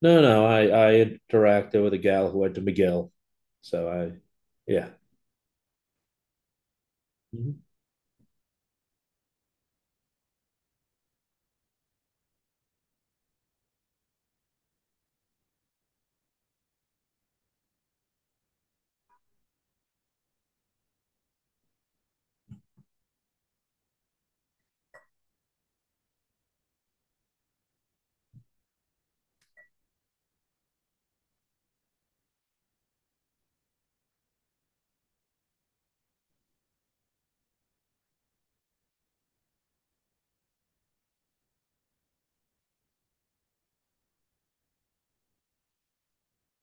No, no, no. I interacted with a gal who went to McGill, so I, yeah. Mhm.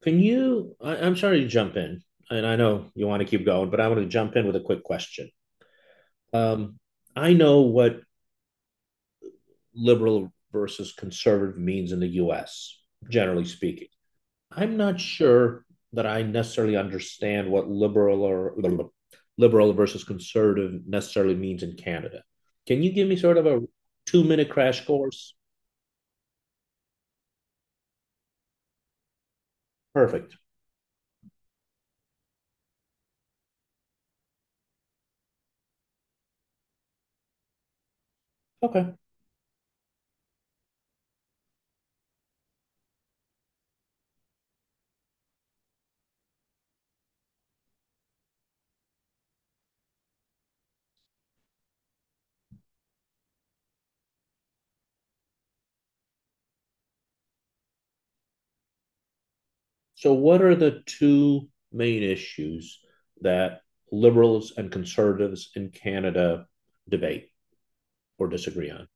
Can you? I'm sorry to jump in, and I know you want to keep going, but I want to jump in with a quick question. Um, I know what liberal versus conservative means in the U.S. generally speaking. I'm not sure that I necessarily understand what liberal or liberal versus conservative necessarily means in Canada. Can you give me sort of a two-minute crash course? Perfect. Okay. So, what are the two main issues that liberals and conservatives in Canada debate or disagree on?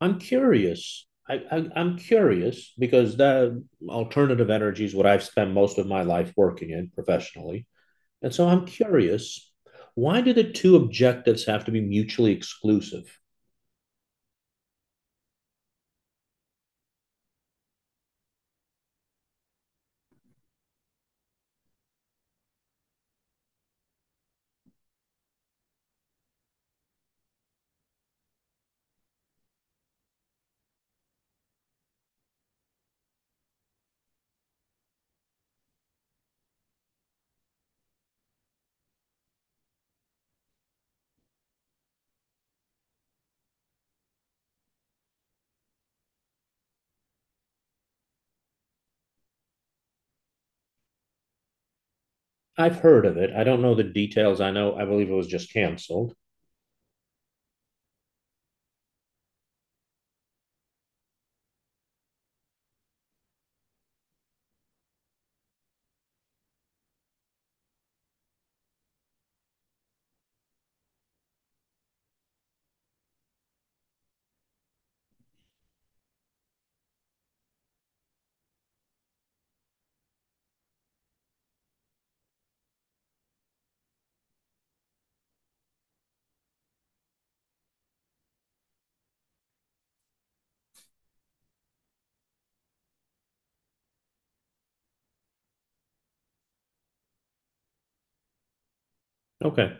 I'm curious. I am curious because that alternative energy is what I've spent most of my life working in professionally. And so I'm curious, why do the two objectives have to be mutually exclusive? I've heard of it. I don't know the details. I know, I believe it was just canceled. Okay.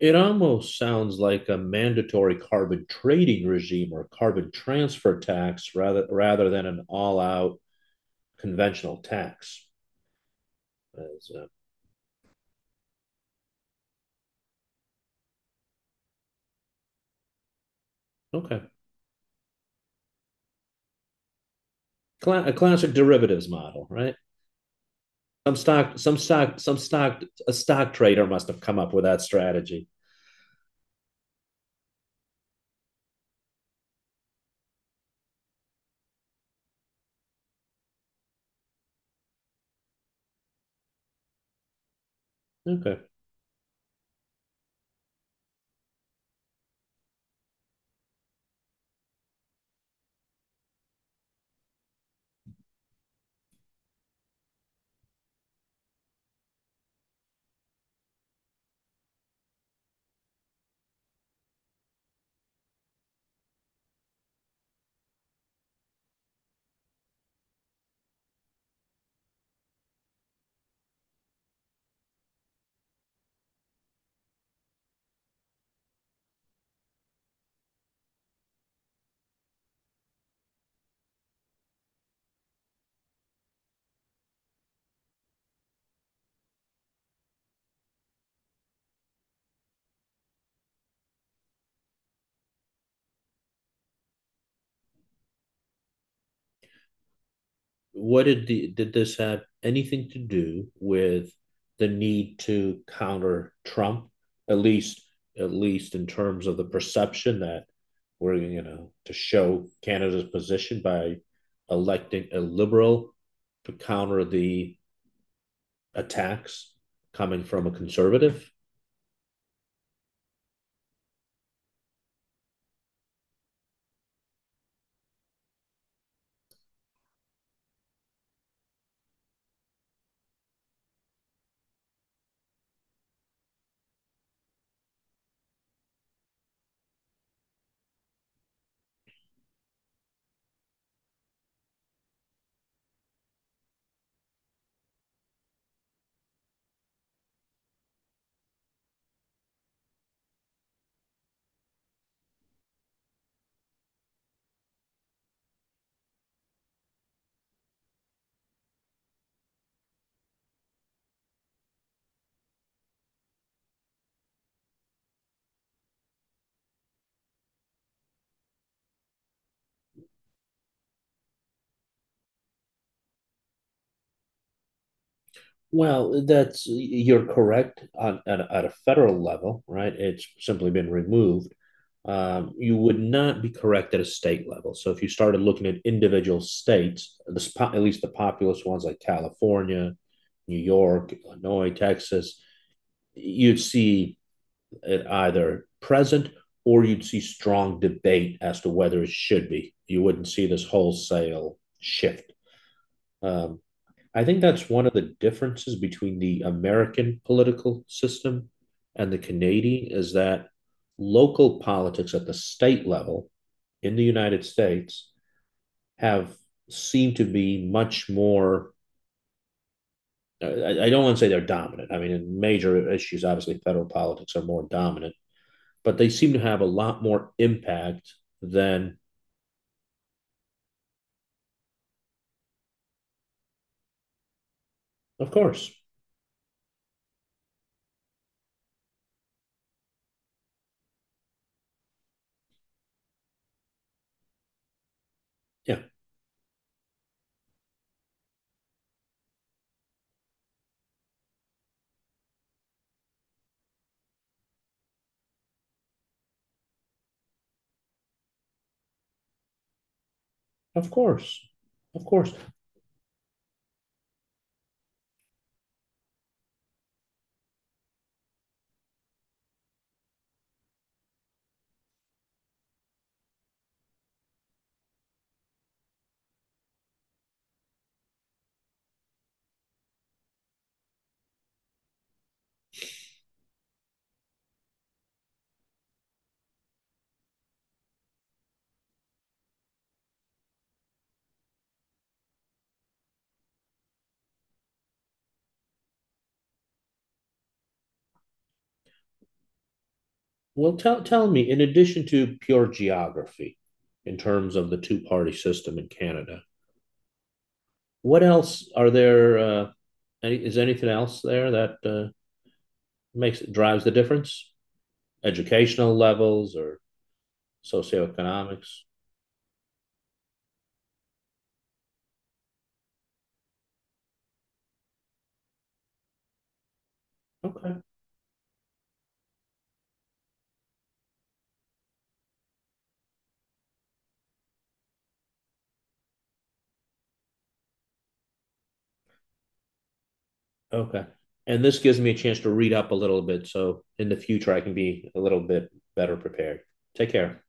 It almost sounds like a mandatory carbon trading regime or carbon transfer tax rather than an all-out conventional tax. As, okay. A classic derivatives model, right? Some stock, some stock, some stock. A stock trader must have come up with that strategy. Okay. What did the, did this have anything to do with the need to counter Trump, at least at least in terms of the perception that we're, you know, to show Canada's position by electing a liberal to counter the attacks coming from a conservative? Well, that's, you're correct on at, at a federal level, right? It's simply been removed. You would not be correct at a state level. So if you started looking at individual states, the, at least the populous ones like California, New York, Illinois, Texas, you'd see it either present or you'd see strong debate as to whether it should be. You wouldn't see this wholesale shift. Um, I think that's one of the differences between the American political system and the Canadian is that local politics at the state level in the United States have seemed to be much more. I don't want to say they're dominant. I mean, in major issues, obviously, federal politics are more dominant, but they seem to have a lot more impact than, of course, yeah, of course, of course. Well, tell me, in addition to pure geography, in terms of the two-party system in Canada, what else are there? Any, is anything else there that makes it drives the difference? Educational levels or socioeconomics? Okay, okay. And this gives me a chance to read up a little bit, so in the future I can be a little bit better prepared. Take care.